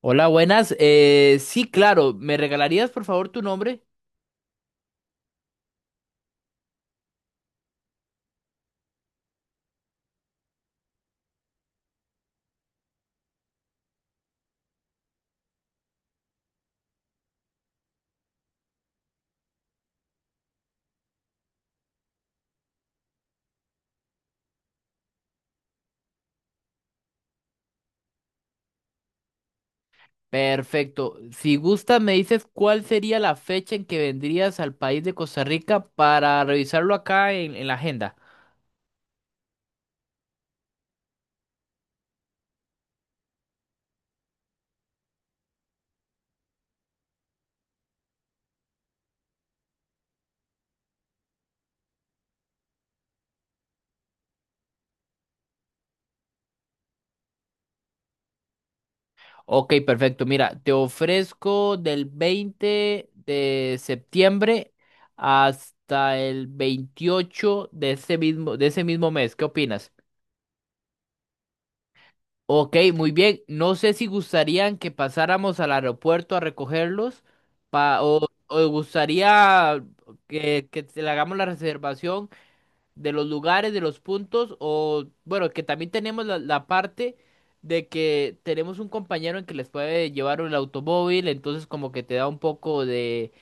Hola, buenas. Sí, claro. ¿Me regalarías por favor tu nombre? Perfecto. Si gustas, me dices cuál sería la fecha en que vendrías al país de Costa Rica para revisarlo acá en la agenda. Ok, perfecto. Mira, te ofrezco del 20 de septiembre hasta el 28 de ese mismo mes. ¿Qué opinas? Ok, muy bien. No sé si gustarían que pasáramos al aeropuerto a recogerlos o gustaría que, le hagamos la reservación de los lugares, de los puntos, o bueno, que también tenemos la parte de que tenemos un compañero en que les puede llevar el automóvil, entonces como que te da un poco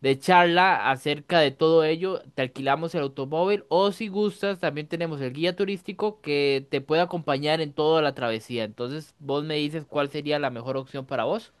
de charla acerca de todo ello, te alquilamos el automóvil, o si gustas, también tenemos el guía turístico que te puede acompañar en toda la travesía, entonces vos me dices cuál sería la mejor opción para vos.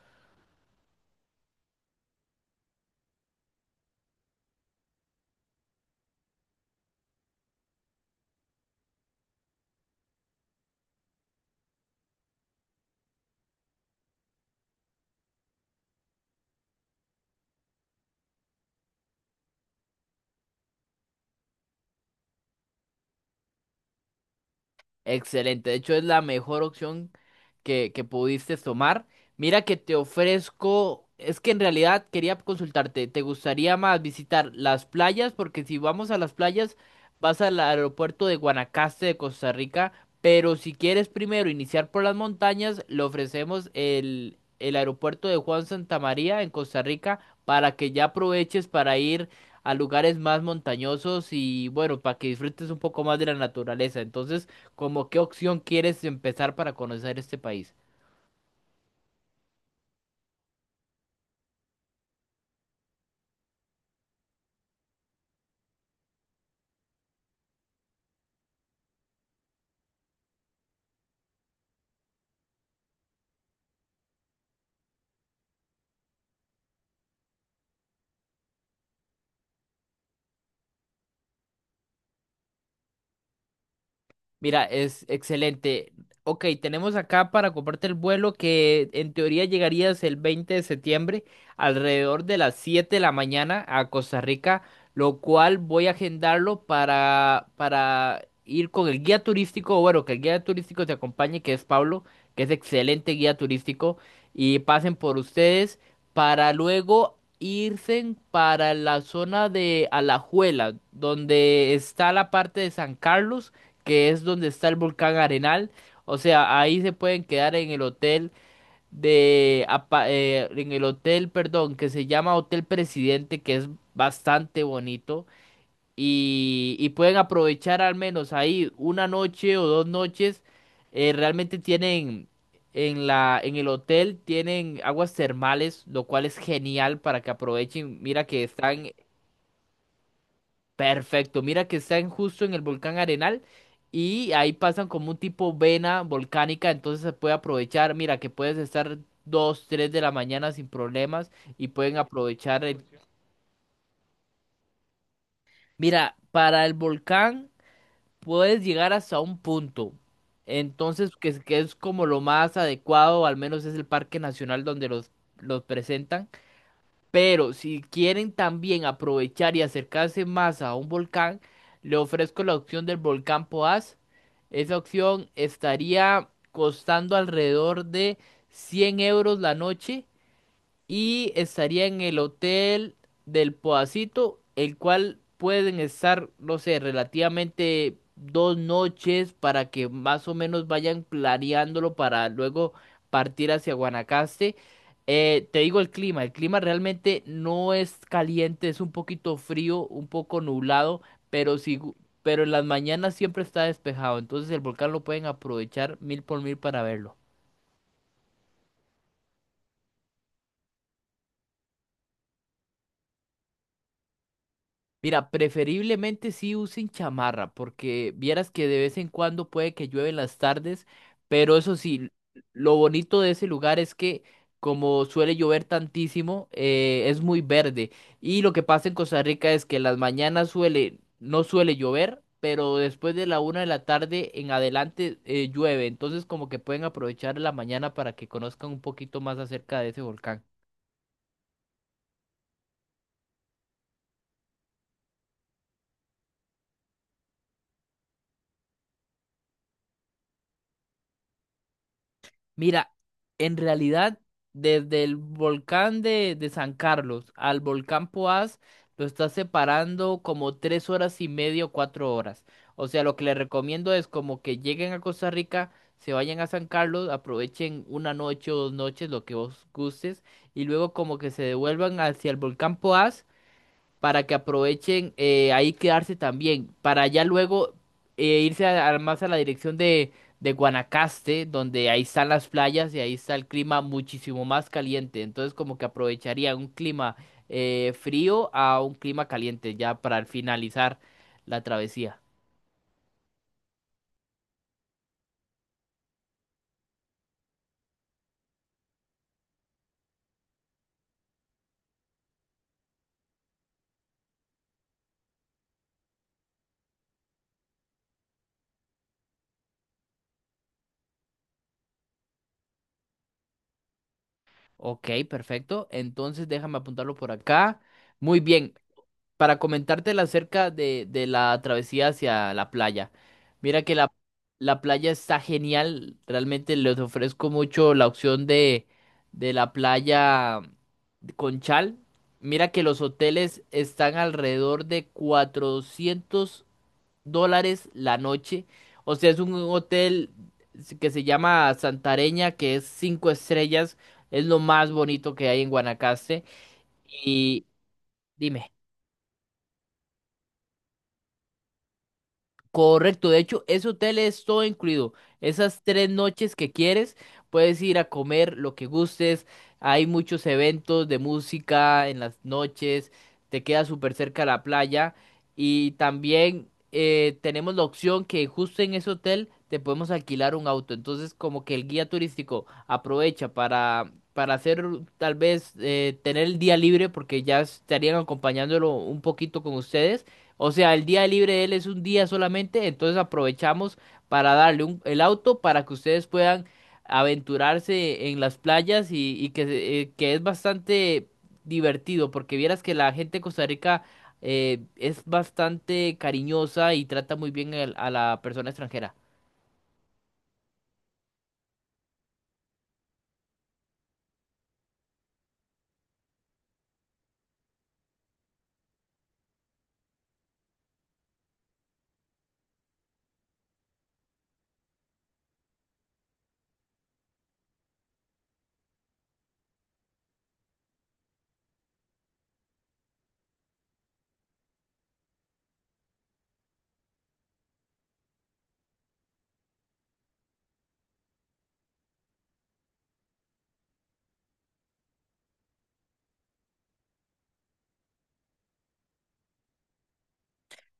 Excelente, de hecho es la mejor opción que pudiste tomar. Mira que te ofrezco, es que en realidad quería consultarte, ¿te gustaría más visitar las playas? Porque si vamos a las playas, vas al aeropuerto de Guanacaste de Costa Rica, pero si quieres primero iniciar por las montañas, le ofrecemos el aeropuerto de Juan Santamaría en Costa Rica para que ya aproveches para ir a lugares más montañosos y bueno, para que disfrutes un poco más de la naturaleza. Entonces, ¿como qué opción quieres empezar para conocer este país? Mira, es excelente. Ok, tenemos acá para comprarte el vuelo que en teoría llegarías el 20 de septiembre alrededor de las 7 de la mañana a Costa Rica, lo cual voy a agendarlo para ir con el guía turístico, o bueno, que el guía turístico te acompañe, que es Pablo, que es excelente guía turístico, y pasen por ustedes para luego irse para la zona de Alajuela, donde está la parte de San Carlos que es donde está el volcán Arenal. O sea, ahí se pueden quedar en el hotel de, en el hotel, perdón, que se llama Hotel Presidente, que es bastante bonito. Y pueden aprovechar al menos ahí una noche o dos noches. Realmente tienen en la, en el hotel tienen aguas termales, lo cual es genial para que aprovechen. Mira que están Perfecto, mira que están justo en el volcán Arenal y ahí pasan como un tipo vena volcánica, entonces se puede aprovechar, mira que puedes estar 2, 3 de la mañana sin problemas y pueden aprovechar el... Mira, para el volcán puedes llegar hasta un punto, entonces que, que es como lo más adecuado, al menos es el parque nacional donde los presentan. Pero si quieren también aprovechar y acercarse más a un volcán, le ofrezco la opción del volcán Poás. Esa opción estaría costando alrededor de 100 € la noche y estaría en el hotel del Podacito, el cual pueden estar, no sé, relativamente dos noches para que más o menos vayan planeándolo para luego partir hacia Guanacaste. Te digo el clima realmente no es caliente, es un poquito frío, un poco nublado, pero sí, pero en las mañanas siempre está despejado, entonces el volcán lo pueden aprovechar mil por mil para verlo. Mira, preferiblemente sí usen chamarra, porque vieras que de vez en cuando puede que llueve en las tardes, pero eso sí, lo bonito de ese lugar es que como suele llover tantísimo, es muy verde. Y lo que pasa en Costa Rica es que en las mañanas suele, no suele llover, pero después de la 1 de la tarde en adelante llueve. Entonces como que pueden aprovechar la mañana para que conozcan un poquito más acerca de ese volcán. Mira, en realidad, desde el volcán de San Carlos al volcán Poás, lo está separando como 3 horas y media o 4 horas. O sea, lo que les recomiendo es como que lleguen a Costa Rica, se vayan a San Carlos, aprovechen una noche o dos noches, lo que vos gustes, y luego como que se devuelvan hacia el volcán Poás para que aprovechen ahí quedarse también, para ya luego irse más a la dirección de Guanacaste, donde ahí están las playas y ahí está el clima muchísimo más caliente. Entonces como que aprovecharía un clima frío a un clima caliente ya para finalizar la travesía. Ok, perfecto. Entonces déjame apuntarlo por acá. Muy bien. Para comentártela acerca de la travesía hacia la playa. Mira que la playa está genial, realmente les ofrezco mucho la opción de la playa con chal. Mira que los hoteles están alrededor de $400 la noche. O sea, es un hotel que se llama Santareña, que es cinco estrellas, es lo más bonito que hay en Guanacaste. Y dime. Correcto, de hecho, ese hotel es todo incluido. Esas tres noches que quieres, puedes ir a comer lo que gustes. Hay muchos eventos de música en las noches, te queda súper cerca la playa. Y también tenemos la opción que justo en ese hotel te podemos alquilar un auto. Entonces, como que el guía turístico aprovecha para hacer tal vez tener el día libre, porque ya estarían acompañándolo un poquito con ustedes, o sea, el día libre de él es un día solamente, entonces aprovechamos para darle el auto para que ustedes puedan aventurarse en las playas y que, que es bastante divertido, porque vieras que la gente de Costa Rica es bastante cariñosa y trata muy bien a la persona extranjera.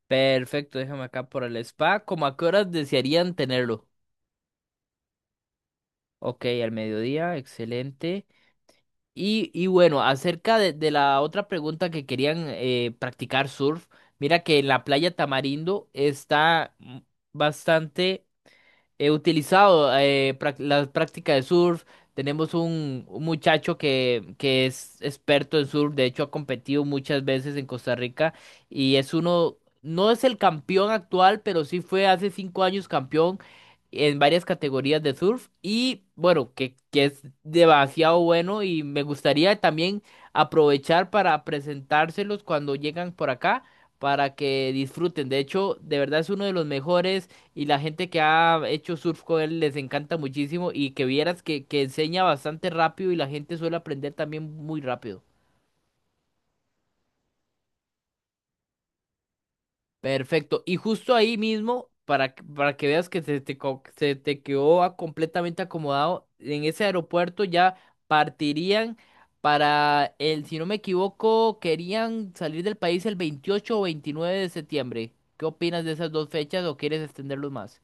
Perfecto, déjame acá por el spa. ¿Cómo a qué horas desearían tenerlo? Ok, al mediodía, excelente. Y bueno, acerca de la otra pregunta que querían practicar surf, mira que en la playa Tamarindo está bastante... He utilizado la práctica de surf. Tenemos un muchacho que es experto en surf. De hecho, ha competido muchas veces en Costa Rica. Y es uno, no es el campeón actual, pero sí fue hace 5 años campeón en varias categorías de surf. Y bueno, que es demasiado bueno. Y me gustaría también aprovechar para presentárselos cuando llegan por acá, para que disfruten. De hecho, de verdad es uno de los mejores. Y la gente que ha hecho surf con él les encanta muchísimo y que vieras que enseña bastante rápido y la gente suele aprender también muy rápido. Perfecto. Y justo ahí mismo, para, para que veas que se te, se te quedó completamente acomodado, en ese aeropuerto ya partirían para el, si no me equivoco, querían salir del país el 28 o 29 de septiembre. ¿Qué opinas de esas dos fechas o quieres extenderlos más?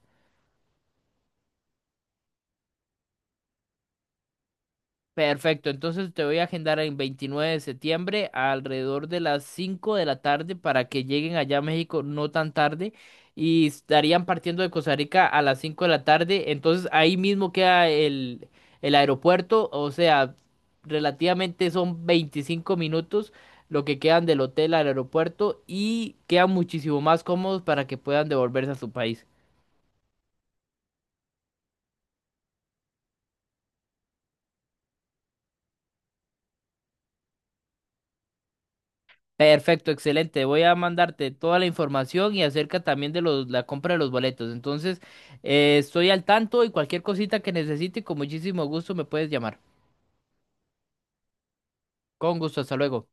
Perfecto, entonces te voy a agendar en 29 de septiembre alrededor de las 5 de la tarde para que lleguen allá a México no tan tarde y estarían partiendo de Costa Rica a las 5 de la tarde, entonces ahí mismo queda el aeropuerto, o sea, relativamente son 25 minutos lo que quedan del hotel al aeropuerto y quedan muchísimo más cómodos para que puedan devolverse a su país. Perfecto, excelente. Voy a mandarte toda la información y acerca también de los, la compra de los boletos. Entonces, estoy al tanto y cualquier cosita que necesite, con muchísimo gusto me puedes llamar. Con gusto, hasta luego.